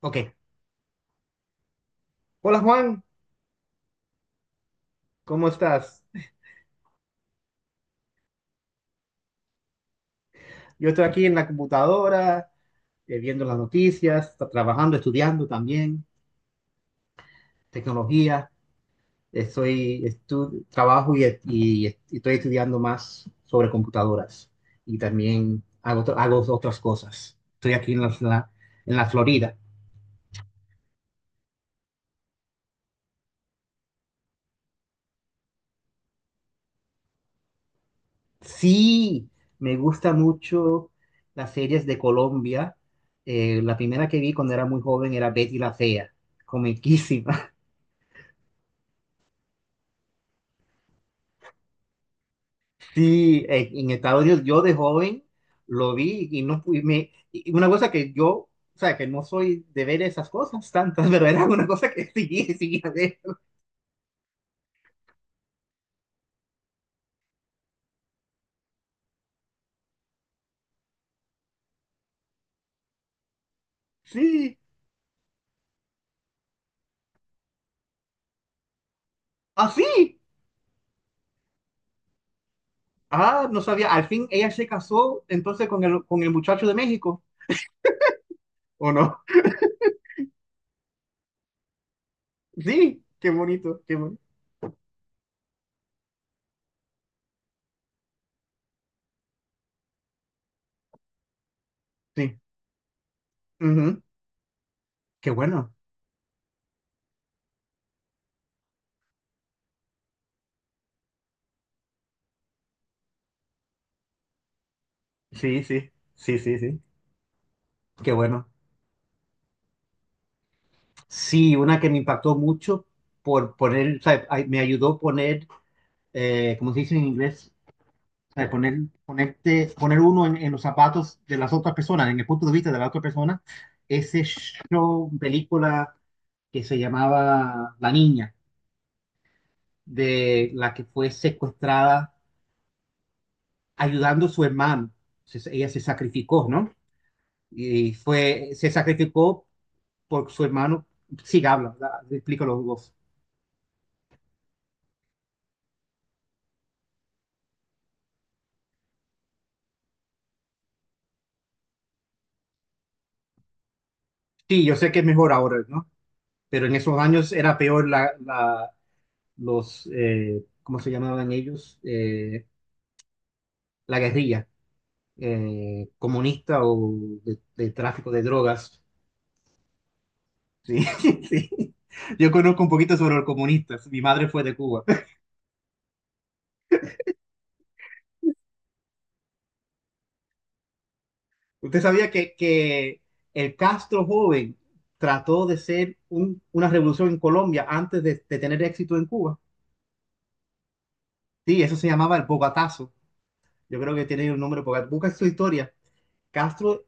Ok. Hola Juan, ¿cómo estás? Yo estoy aquí en la computadora, viendo las noticias, trabajando, estudiando también, tecnología. Trabajo y estoy estudiando más sobre computadoras y también hago otras cosas. Estoy aquí en la Florida. Sí, me gusta mucho las series de Colombia. La primera que vi cuando era muy joven era Betty la Fea, comiquísima. Sí, en Estados Unidos yo de joven lo vi y no pude, me, y una cosa que yo, o sea, que no soy de ver esas cosas tantas, pero era una cosa que seguía ver. Sí, así. Ah, no sabía. Al fin ella se casó entonces con el muchacho de México, ¿o no? Sí, qué bonito, qué bonito. Sí, ujú, qué bueno. Sí, sí, sí, sí, sí. Qué bueno. Sí, una que me impactó mucho por poner, o sea, me ayudó a poner, ¿cómo se dice en inglés? O sea, poner, ponerte, poner uno en los zapatos de las otras personas, en el punto de vista de la otra persona, ese show, película que se llamaba La Niña, de la que fue secuestrada ayudando a su hermano. Ella se sacrificó, ¿no? Se sacrificó por su hermano. Sí, habla, explica los dos. Sí, yo sé que es mejor ahora, ¿no? Pero en esos años era peor la, los, ¿cómo se llamaban ellos? La guerrilla. Comunista o de tráfico de drogas. Sí, sí. Yo conozco un poquito sobre los comunistas. Mi madre fue de Cuba. ¿Usted sabía que el Castro joven trató de ser una revolución en Colombia antes de tener éxito en Cuba? Sí, eso se llamaba el Bogotazo. Yo creo que tiene el nombre Bogotazo. Busca su historia. Castro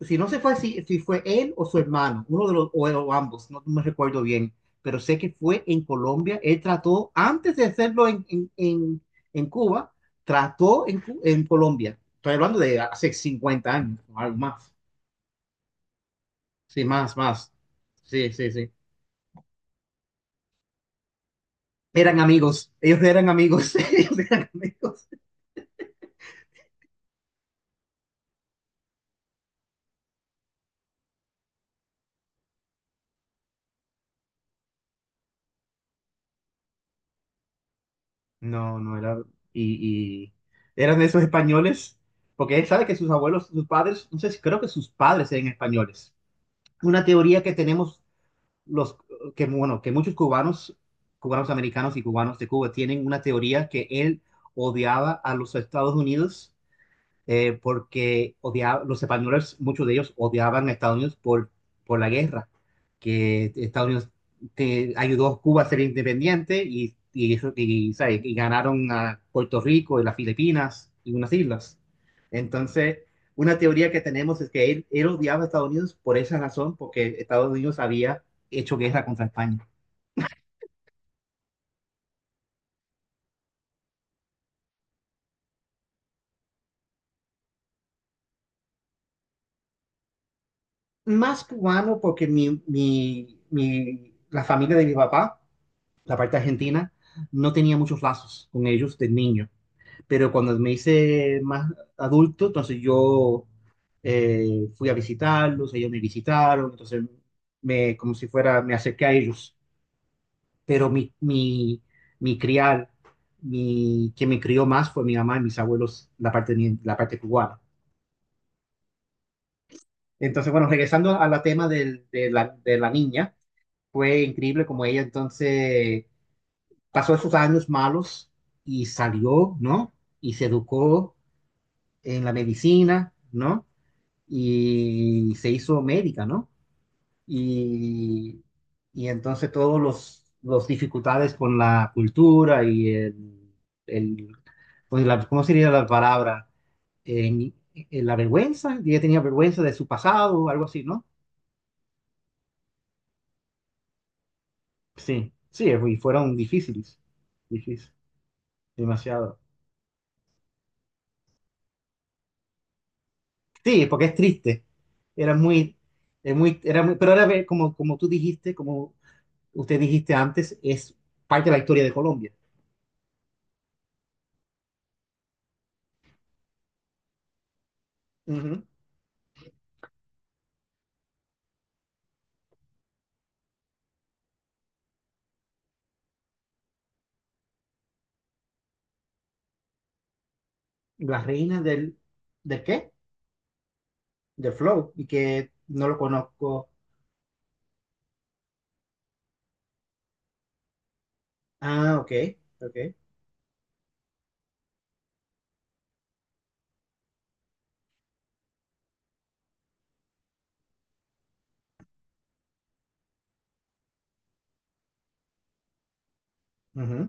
si no se fue si fue él o su hermano, uno de los, o ambos, no me recuerdo bien, pero sé que fue en Colombia, él trató, antes de hacerlo en Cuba, trató en Colombia. Estoy hablando de hace 50 años, o algo más. Sí, más, más. Sí, sí, sí. Eran amigos, ellos eran amigos, ellos eran amigos. No, no era. Y eran de esos españoles, porque él sabe que sus abuelos, sus padres, no sé si creo que sus padres eran españoles. Una teoría que tenemos los que bueno, que muchos cubanos, cubanos americanos y cubanos de Cuba tienen una teoría que él odiaba a los Estados Unidos porque odiaba, los españoles, muchos de ellos odiaban a Estados Unidos por la guerra, que Estados Unidos ayudó a Cuba a ser independiente y, ¿sabes? Y ganaron a Puerto Rico y las Filipinas y unas islas. Entonces, una teoría que tenemos es que él odiaba a Estados Unidos por esa razón, porque Estados Unidos había hecho guerra contra España. Más cubano porque la familia de mi papá la parte argentina, no tenía muchos lazos con ellos de niño. Pero cuando me hice más adulto, entonces yo fui a visitarlos, ellos me visitaron, entonces me, como si fuera, me acerqué a ellos. Pero mi criar, quien me crió más fue mi mamá y mis abuelos, la parte cubana. Entonces, bueno, regresando al tema de la niña, fue increíble como ella entonces pasó esos años malos y salió, ¿no? Y se educó en la medicina, ¿no? Y se hizo médica, ¿no? Y, y entonces todos los dificultades con la cultura y el pues ¿cómo sería la palabra? En la vergüenza, ella tenía vergüenza de su pasado, algo así, ¿no? Sí, sí, y fueron difíciles, difíciles, demasiado. Sí, porque es triste. Era muy, es muy, era muy- Pero ahora ve, como, como tú dijiste, como usted dijiste antes, es parte de la historia de Colombia. Ujú. La reina del, ¿del qué? Del flow, y que no lo conozco. Ah, ok, ok, ujú,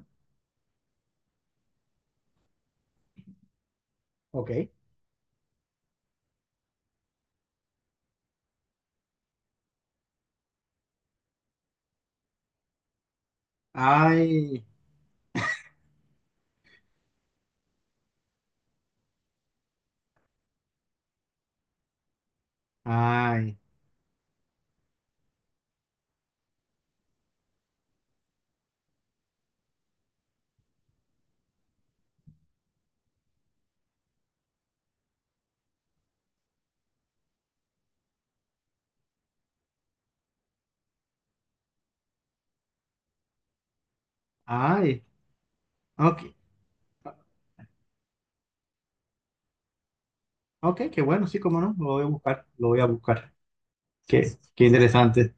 ok. Ay, ay, ay, ok, ok, qué bueno, sí, cómo no, lo voy a buscar, lo voy a buscar. Qué interesante.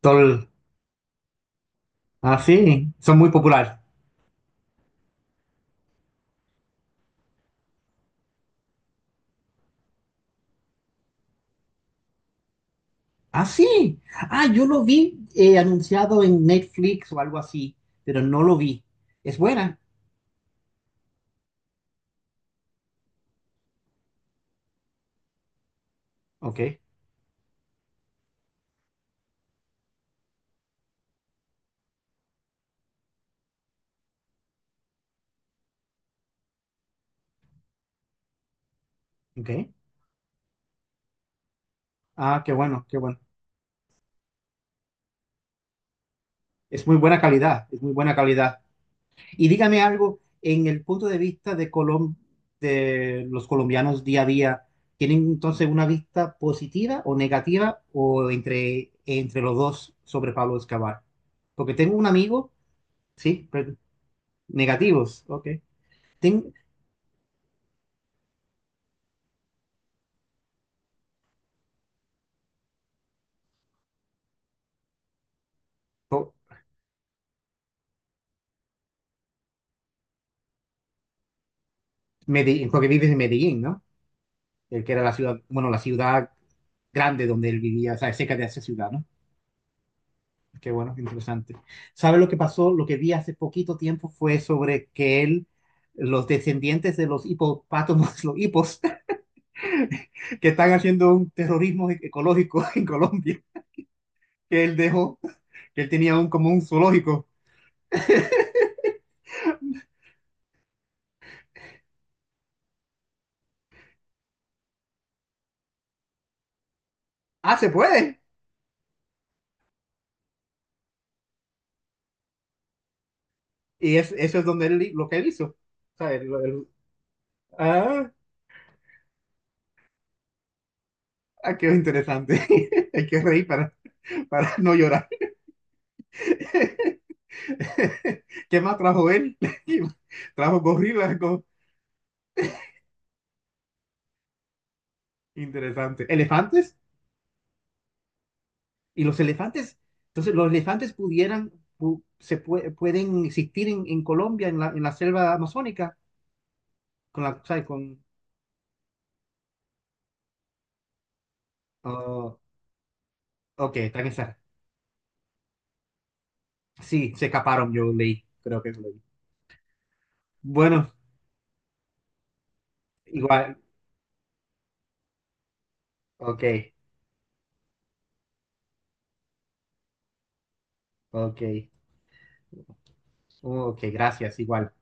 Tol, ah, sí, son muy populares. Ah, sí. Ah, yo lo vi anunciado en Netflix o algo así, pero no lo vi. Es buena. Ok, ok. Ah, qué bueno, qué bueno. Es muy buena calidad, es muy buena calidad. Y dígame algo, en el punto de vista de los colombianos día a día, ¿tienen entonces una vista positiva o negativa o entre los dos sobre Pablo Escobar? Porque tengo un amigo, sí, negativos, ok. Ten- po- Porque vives en Medellín, ¿no? El que era la ciudad, bueno, la ciudad grande donde él vivía, o sea, cerca de esa ciudad, ¿no? Qué bueno, qué interesante. ¿Sabe lo que pasó? Lo que vi hace poquito tiempo fue sobre que él, los descendientes de los hipopátomos, los hipos, que están haciendo un terrorismo ecológico en Colombia, que él dejó, que él tenía un, como un zoológico. Ah, se puede. Y es, eso es donde él, lo que él hizo. O sea, ah, ah, qué interesante. Hay que reír para no llorar. ¿Qué más trajo él? Trajo gorilas. Interesante. ¿Elefantes? ¿Y los elefantes? Entonces, los elefantes pudieran, pu- se pue- pueden existir en Colombia, en la selva amazónica, con la, ¿sabes? Ah, ok, están esas. Sí, se escaparon, yo leí, creo que lo leí. Bueno, igual, ok, ok, Oh, ok, gracias, igual.